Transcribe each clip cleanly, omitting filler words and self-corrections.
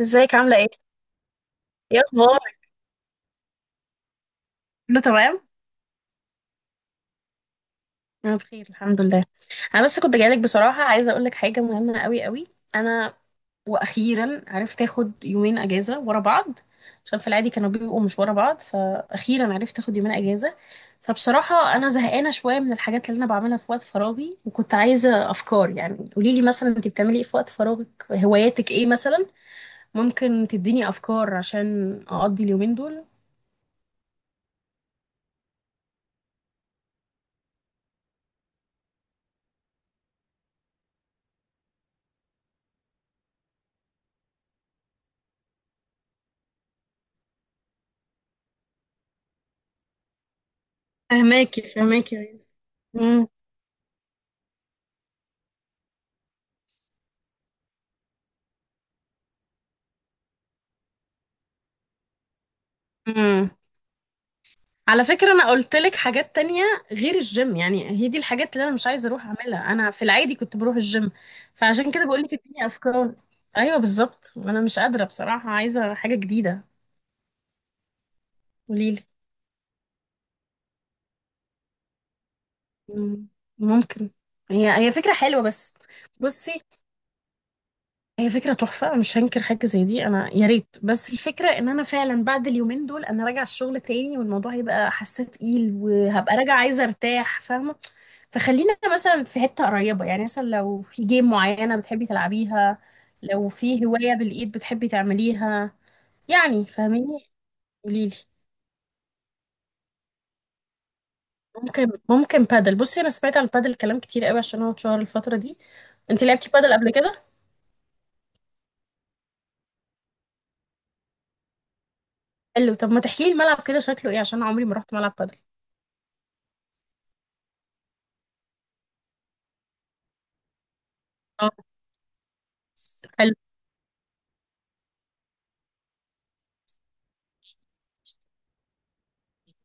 ازيك عاملة ايه؟ ايه اخبارك؟ كله تمام؟ انا بخير الحمد لله. انا بس كنت جايلك بصراحة، عايزة اقولك حاجة مهمة قوي قوي. انا واخيرا عرفت اخد يومين اجازة ورا بعض، عشان في العادي كانوا بيبقوا مش ورا بعض، فاخيرا عرفت اخد يومين اجازة. فبصراحة انا زهقانة شوية من الحاجات اللي انا بعملها في وقت فراغي، وكنت عايزة افكار. يعني قوليلي مثلا، انت بتعملي ايه في وقت فراغك، هواياتك ايه مثلا؟ ممكن تديني افكار عشان اقضي اليومين دول. فهماكي فهماكي. امم. على فكرة أنا قلت لك حاجات تانية غير الجيم، يعني هي دي الحاجات اللي أنا مش عايزة أروح أعملها، أنا في العادي كنت بروح الجيم، فعشان كده بقول لك اديني أفكار. أيوة بالظبط، أنا مش قادرة بصراحة، عايزة حاجة جديدة. قوليلي. مم، ممكن. هي فكرة حلوة، بس بصي، هي فكرة تحفة مش هنكر حاجة زي دي، أنا يا ريت، بس الفكرة إن أنا فعلا بعد اليومين دول أنا راجعة الشغل تاني، والموضوع هيبقى حاسة تقيل، وهبقى راجعة عايزة أرتاح، فاهمة؟ فخلينا مثلا في حتة قريبة، يعني مثلا لو في جيم معينة بتحبي تلعبيها، لو في هواية بالإيد بتحبي تعمليها، يعني فاهميني. قوليلي. ممكن بادل. بصي، أنا سمعت عن البادل كلام كتير قوي عشان هو اتشهر الفترة دي. انت لعبتي بادل قبل كده؟ حلو. طب ما تحكيلي الملعب كده شكله ايه، عشان أنا عمري ما رحت ملعب بادل. اه. حلو.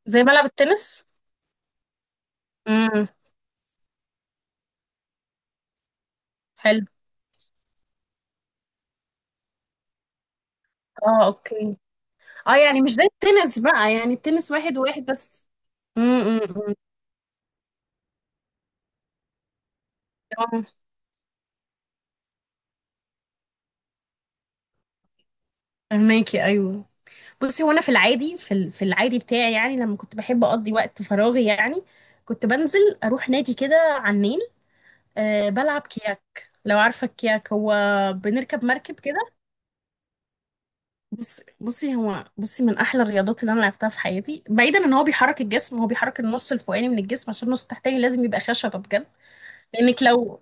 زي ملعب التنس. امم. حلو. اه، اوكي. اه، يعني مش زي التنس بقى، يعني التنس واحد وواحد بس؟ امم، أمم، أمم. اه. فهماكي، ايوه. بصي، وانا في العادي في العادي بتاعي، يعني لما كنت بحب اقضي وقت فراغي، يعني كنت بنزل اروح نادي كده على النيل. أه، بلعب كياك، لو عارفه الكياك هو بنركب مركب كده. بصي هو من احلى الرياضات اللي انا لعبتها في حياتي، بعيدا ان هو بيحرك الجسم، هو بيحرك النص الفوقاني من الجسم، عشان النص التحتاني لازم يبقى خشبه بجد. لانك لو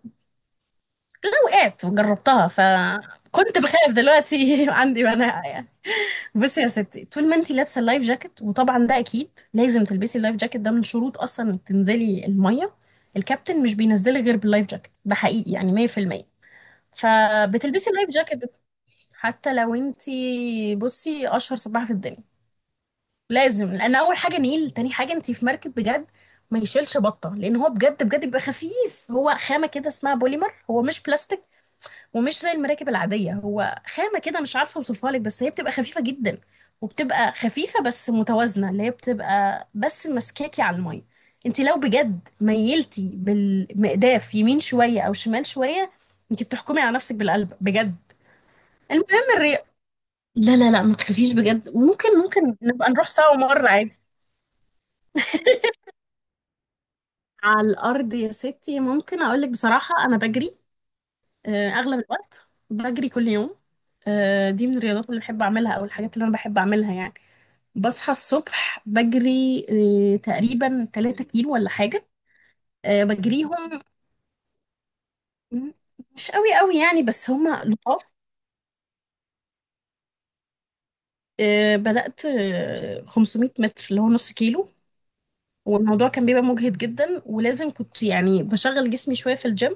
لو وقعت وجربتها، فكنت بخاف دلوقتي، عندي مناعه يعني. بصي يا ستي، طول ما انتي لابسه اللايف جاكيت، وطبعا ده اكيد لازم تلبسي اللايف جاكيت، ده من شروط اصلا انك تنزلي الميه، الكابتن مش بينزلك غير باللايف جاكيت، ده حقيقي يعني 100%. فبتلبسي اللايف جاكيت حتى لو انتي، بصي اشهر سباحه في الدنيا، لازم. لان اول حاجه نيل، تاني حاجه انتي في مركب بجد ما يشيلش بطه، لان هو بجد بجد بيبقى خفيف، هو خامه كده اسمها بوليمر، هو مش بلاستيك، ومش زي المراكب العادية، هو خامة كده مش عارفة اوصفها لك، بس هي بتبقى خفيفة جدا، وبتبقى خفيفة بس متوازنة، اللي هي بتبقى بس ماسكاكي على المية. انت لو بجد ميلتي بالمقداف يمين شوية او شمال شوية، انت بتحكمي على نفسك بالقلب بجد. المهم الرياضة. لا لا لا، ما تخافيش بجد، ممكن نبقى نروح سوا مرة عادي. على الأرض يا ستي، ممكن أقولك بصراحة أنا بجري. آه، أغلب الوقت بجري كل يوم. آه، دي من الرياضات اللي بحب أعملها أو الحاجات اللي أنا بحب أعملها يعني. بصحى الصبح بجري، آه، تقريبا 3 كيلو ولا حاجة. آه، بجريهم مش قوي قوي يعني، بس هما لطاف. آه، بدأت آه، 500 متر اللي هو نص كيلو، والموضوع كان بيبقى مجهد جدا، ولازم كنت يعني بشغل جسمي شوية في الجيم،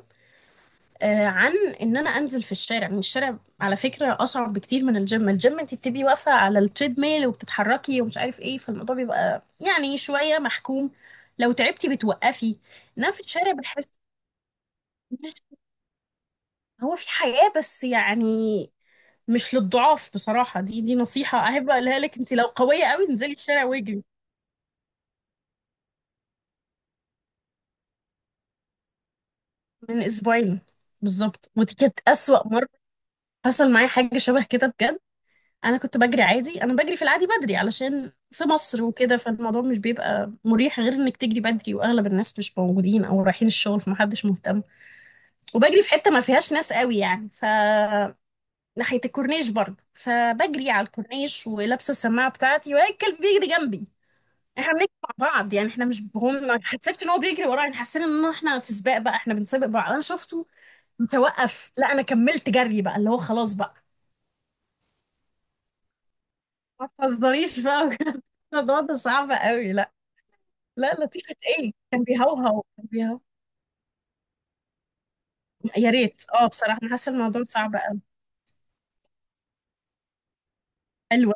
آه، عن ان انا انزل في الشارع. يعني الشارع على فكرة اصعب بكتير من الجيم، الجيم انت بتبقي واقفة على التريد ميل وبتتحركي ومش عارف ايه، فالموضوع بيبقى يعني شوية محكوم، لو تعبتي بتوقفي، انما في الشارع بحس. هو في حياة، بس يعني مش للضعاف بصراحة، دي نصيحة أحب أقولها لك، أنت لو قوية قوي انزلي الشارع واجري. من أسبوعين بالظبط، ودي كانت أسوأ مرة. حصل معايا حاجة شبه كده بجد. أنا كنت بجري عادي، أنا بجري في العادي بدري، علشان في مصر وكده، فالموضوع مش بيبقى مريح غير إنك تجري بدري، وأغلب الناس مش موجودين أو رايحين الشغل، فمحدش مهتم. وبجري في حتة ما فيهاش ناس قوي، يعني ف ناحية الكورنيش برضه، فبجري على الكورنيش ولابسة السماعة بتاعتي، وهي الكلب بيجري جنبي، احنا بنجري مع بعض يعني، احنا مش هم، ما حسيتش ان هو بيجري ورايا، احنا حسينا ان احنا في سباق بقى، احنا بنسابق بعض. انا شفته متوقف، لا انا كملت جري بقى، اللي هو خلاص بقى. ما تهزريش بقى بجد. الموضوع ده صعب قوي، لا. لا لطيفة ايه، كان بيهوهو كان بيهوهو. يا ريت، اه بصراحة انا حاسة الموضوع صعب قوي. حلوة.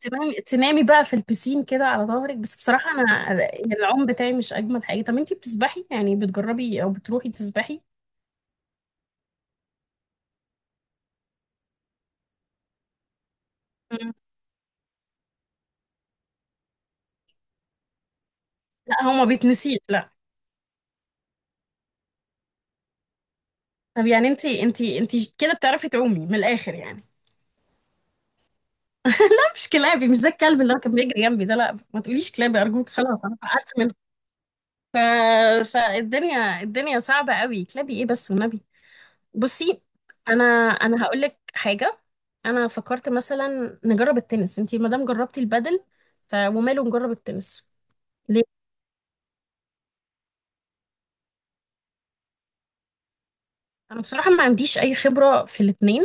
تنامي تنامي بقى في البسين كده على ظهرك، بس بصراحة انا العوم بتاعي مش اجمل حاجة. طب انتي بتسبحي يعني، بتجربي او بتروحي تسبحي؟ مم. لا، هو ما بيتنسيش، لا. طب يعني انتي انتي كده بتعرفي تعومي من الاخر يعني؟ أنا مش كلابي، مش زي الكلب اللي هو كان بيجري جنبي ده، لا ما تقوليش كلابي ارجوك، خلاص انا اتعقدت منه. ف... فالدنيا صعبه قوي، كلابي ايه بس والنبي. بصي انا انا هقول لك حاجه. انا فكرت مثلا نجرب التنس، انتي ما دام جربتي البادل، وماله نجرب التنس. ليه، انا بصراحه ما عنديش اي خبره في الاتنين،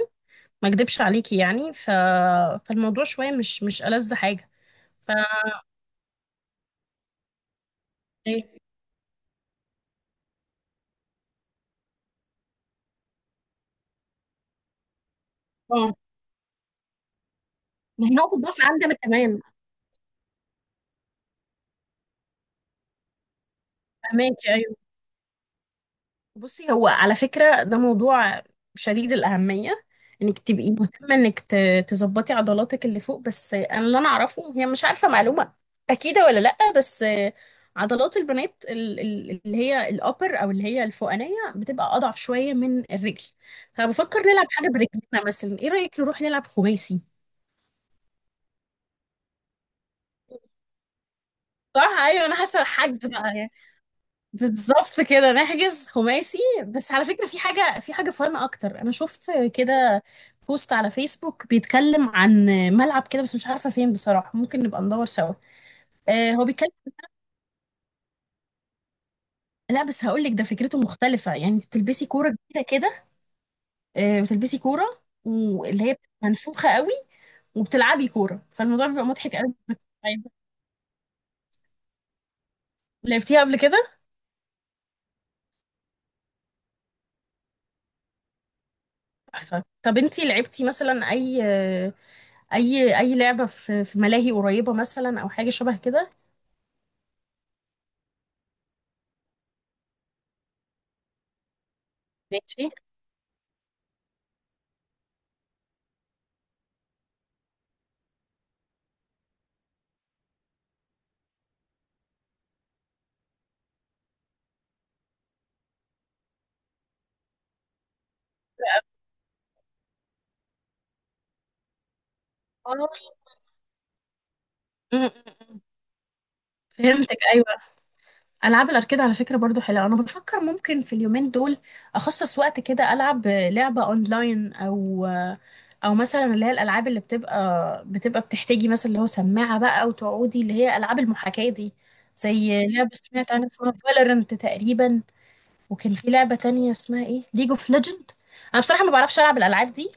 ما اكدبش عليكي يعني، فالموضوع شويه مش ألذ حاجه. ف... ما هي نقطة ضعف عندنا كمان. فهماكي أيوة. بصي، هو على فكرة ده موضوع شديد الأهمية، إنك تبقي مهتمة إنك تظبطي عضلاتك اللي فوق، بس أنا اللي أنا أعرفه، هي مش عارفة معلومة أكيدة ولا لأ، بس عضلات البنات اللي هي الأبر أو اللي هي الفوقانية بتبقى أضعف شوية من الرجل. فبفكر نلعب حاجة برجلنا، مثلا إيه رأيك نروح نلعب خماسي؟ صح، أيوة أنا حاسة، حجز بقى. بالظبط كده نحجز خماسي. بس على فكرة في حاجة، في حاجة فن أكتر، أنا شفت كده بوست على فيسبوك بيتكلم عن ملعب كده، بس مش عارفة فين بصراحة، ممكن نبقى ندور سوا. آه هو بيتكلم، لا بس هقول لك، ده فكرته مختلفة، يعني انت بتلبسي كورة جديدة كده، آه وتلبسي كورة واللي هي منفوخة قوي، وبتلعبي كورة، فالموضوع بيبقى مضحك قوي. طيب، لعبتيها قبل كده؟ تحفة. طب انتي لعبتي مثلا أي آه، أي أي لعبة في في ملاهي قريبة مثلا أو حاجة شبه كده؟ ماشي. اه. م- م- م. فهمتك ايوه. العاب الاركيد على فكره برضو حلوه، انا بفكر ممكن في اليومين دول اخصص وقت كده العب لعبه اونلاين، او او مثلا اللي هي الالعاب اللي بتبقى بتبقى بتحتاجي مثلا اللي هو سماعه بقى وتقعدي، اللي هي العاب المحاكاه دي. زي لعبه سمعت عنها اسمها فالورنت تقريبا، وكان في لعبه تانية اسمها ايه ليج اوف ليجند. انا بصراحه ما بعرفش العب الالعاب دي.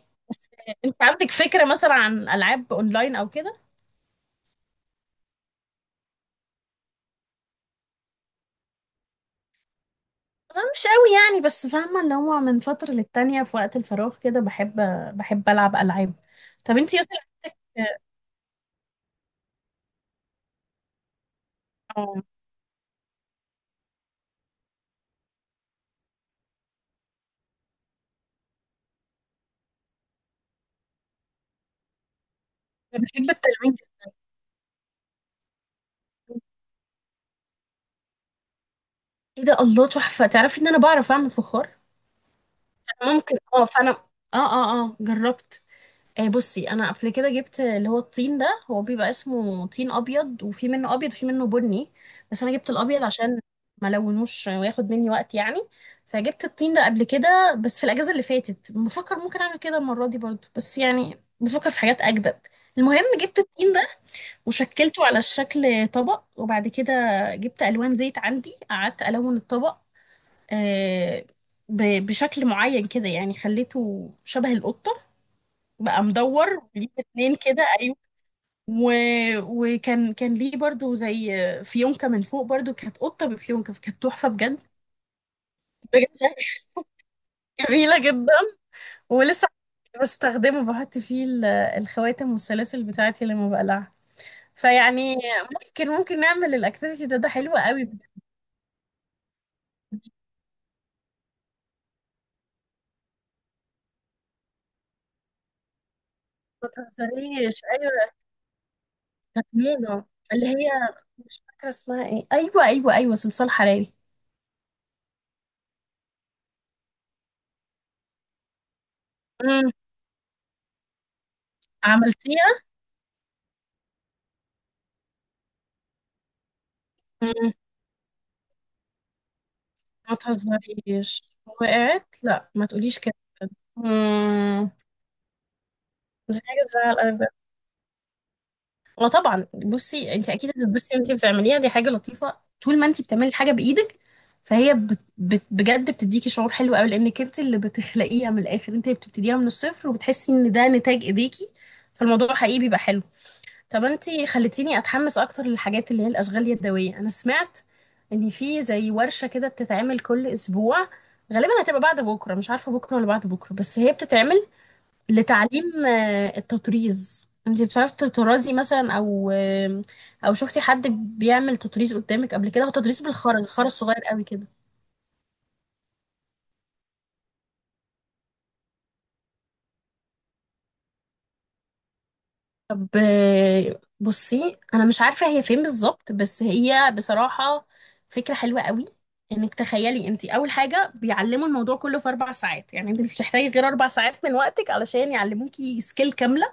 انت عندك فكره مثلا عن العاب اونلاين او كده؟ آه، مش قوي يعني، بس فاهمة اللي هو من فترة للتانية في وقت الفراغ كده بحب ألعب ألعاب. طب انتي مثلا، اه. بحب التلوين. ايه ده، الله، تحفة. تعرفي ان انا بعرف اعمل فخار؟ ممكن اه، فانا اه، اه اه جربت. آه، بصي انا قبل كده جبت اللي هو الطين ده، هو بيبقى اسمه طين ابيض، وفي منه ابيض وفي منه بني، بس انا جبت الابيض عشان ما لونوش وياخد مني وقت يعني. فجبت الطين ده قبل كده، بس في الاجازه اللي فاتت، بفكر ممكن اعمل كده المره دي برضو، بس يعني بفكر في حاجات اجدد. المهم، جبت الطين ده وشكلته على شكل طبق، وبعد كده جبت الوان زيت عندي، قعدت الون الطبق آه، بشكل معين كده، يعني خليته شبه القطه، بقى مدور ليه اتنين كده، ايوه. و... وكان كان ليه برضو زي فيونكة من فوق، برضو كانت قطة بفيونكة، كانت تحفة بجد. بجد جميلة جدا، ولسه بستخدمه بحط فيه الخواتم والسلاسل بتاعتي لما بقلعها. فيعني ممكن نعمل الاكتيفيتي ده، ده حلو قوي بجد. ما تهزريش ايوه، كانت موضة، اللي هي مش فاكرة اسمها ايه، ايوه ايوه ايوه، صلصال حراري. امم. عملتيها. ما تهزريش، وقعت؟ لا ما تقوليش كده. امم. دي حاجه تزعل قوي بجد. وطبعا بصي، انت اكيد هتتبسطي وانت بتعمليها، دي حاجه لطيفه طول ما انت بتعملي حاجه بايدك، فهي بت بت بجد بتديكي شعور حلو قوي، لانك انت اللي بتخلقيها من الاخر، انت اللي بتبتديها من الصفر، وبتحسي ان ده نتاج ايديكي، فالموضوع حقيقي بيبقى حلو. طب انتي خلتيني اتحمس اكتر للحاجات اللي هي الاشغال اليدويه. انا سمعت ان في زي ورشه كده بتتعمل كل اسبوع، غالبا هتبقى بعد بكره، مش عارفه بكره ولا بعد بكره، بس هي بتتعمل لتعليم آه، التطريز. انتي بتعرفي تطرزي مثلا او آه، او شفتي حد بيعمل تطريز قدامك قبل كده؟ هو تطريز بالخرز، خرز صغير قوي كده. طب آه، بصي انا مش عارفه هي فين بالظبط، بس هي بصراحه فكره حلوه قوي، انك تخيلي، انت اول حاجه بيعلموا الموضوع كله في 4 ساعات، يعني انت مش هتحتاجي غير 4 ساعات من وقتك علشان يعلموكي سكيل كامله،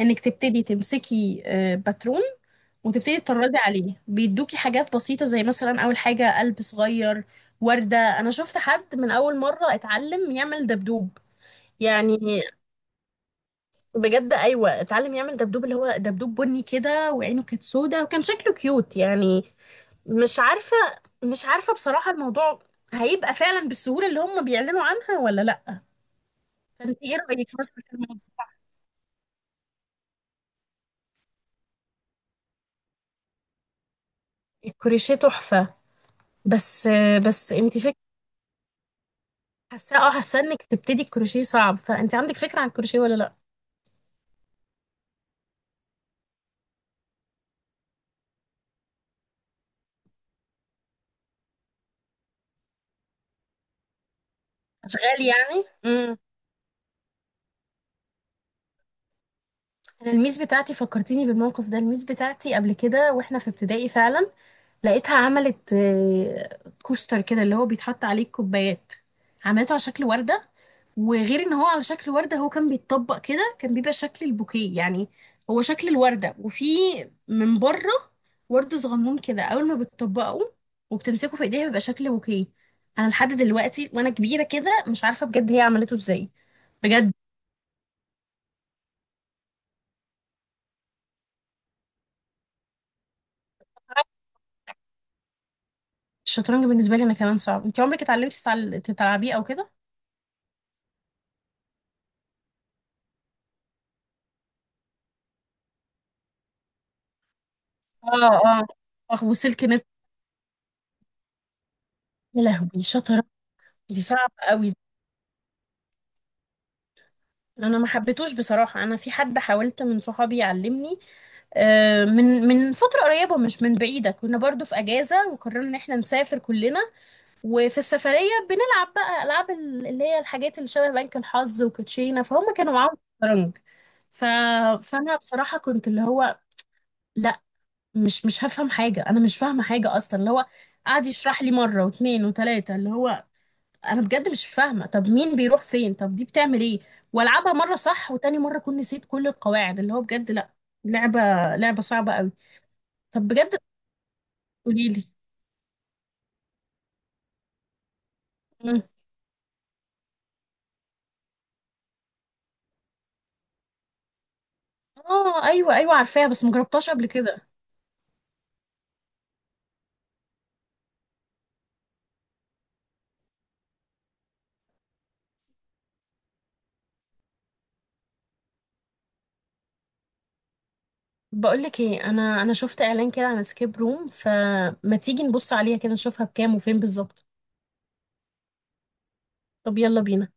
انك تبتدي تمسكي آه، باترون وتبتدي تطردي عليه بيدوكي حاجات بسيطه، زي مثلا اول حاجه قلب صغير، ورده. انا شفت حد من اول مره اتعلم يعمل دبدوب يعني، بجد ايوه، اتعلم يعمل دبدوب، اللي هو دبدوب بني كده وعينه كانت سودة، وكان شكله كيوت يعني. مش عارفه مش عارفه بصراحه، الموضوع هيبقى فعلا بالسهوله اللي هم بيعلنوا عنها ولا لا؟ فانت ايه رايك مثلا في الموضوع؟ الكروشيه تحفه، بس بس انت فكره. حاسه اه، حاسه انك تبتدي الكروشيه صعب، فانت عندك فكره عن الكروشيه ولا لا؟ اشغال يعني، امم. انا الميس بتاعتي فكرتيني بالموقف ده، الميس بتاعتي قبل كده واحنا في ابتدائي فعلا لقيتها عملت آه، كوستر كده اللي هو بيتحط عليه الكوبايات. عملته على شكل وردة، وغير ان هو على شكل وردة، هو كان بيتطبق كده، كان بيبقى شكل البوكيه يعني، هو شكل الوردة وفي من بره ورد صغنون كده، اول ما بتطبقه وبتمسكه في ايديها بيبقى شكل بوكيه. انا لحد دلوقتي وانا كبيرة كده مش عارفة بجد هي عملته ازاي. بجد. الشطرنج بالنسبة لي انا كمان صعب، انت عمرك اتعلمتي تلعبيه او كده؟ اه. اه وسلك نت. يا لهوي شطرنج. دي صعبة قوي، انا ما حبيتوش بصراحة، انا في حد حاولت من صحابي يعلمني آه، من فترة قريبة مش من بعيدة، كنا برضو في اجازة وقررنا ان احنا نسافر كلنا، وفي السفرية بنلعب بقى العاب اللي هي الحاجات اللي شبه بنك الحظ وكوتشينة، فهم كانوا معاهم شطرنج. ف... فانا بصراحة كنت اللي هو، لا مش هفهم حاجة، انا مش فاهمة حاجة اصلا، اللي هو قعد يشرح لي مرة واتنين وتلاتة، اللي هو انا بجد مش فاهمه، طب مين بيروح فين، طب دي بتعمل ايه، والعبها مره صح وتاني مره اكون نسيت كل القواعد، اللي هو بجد لا، لعبه، لعبه صعبه قوي. طب بجد، قولي لي. مم. اه ايوه ايوه عارفاها بس مجربتهاش قبل كده. بقول لك ايه، انا شفت اعلان كده عن سكيب روم، فما تيجي نبص عليها كده نشوفها بكام وفين بالظبط. طب يلا بينا.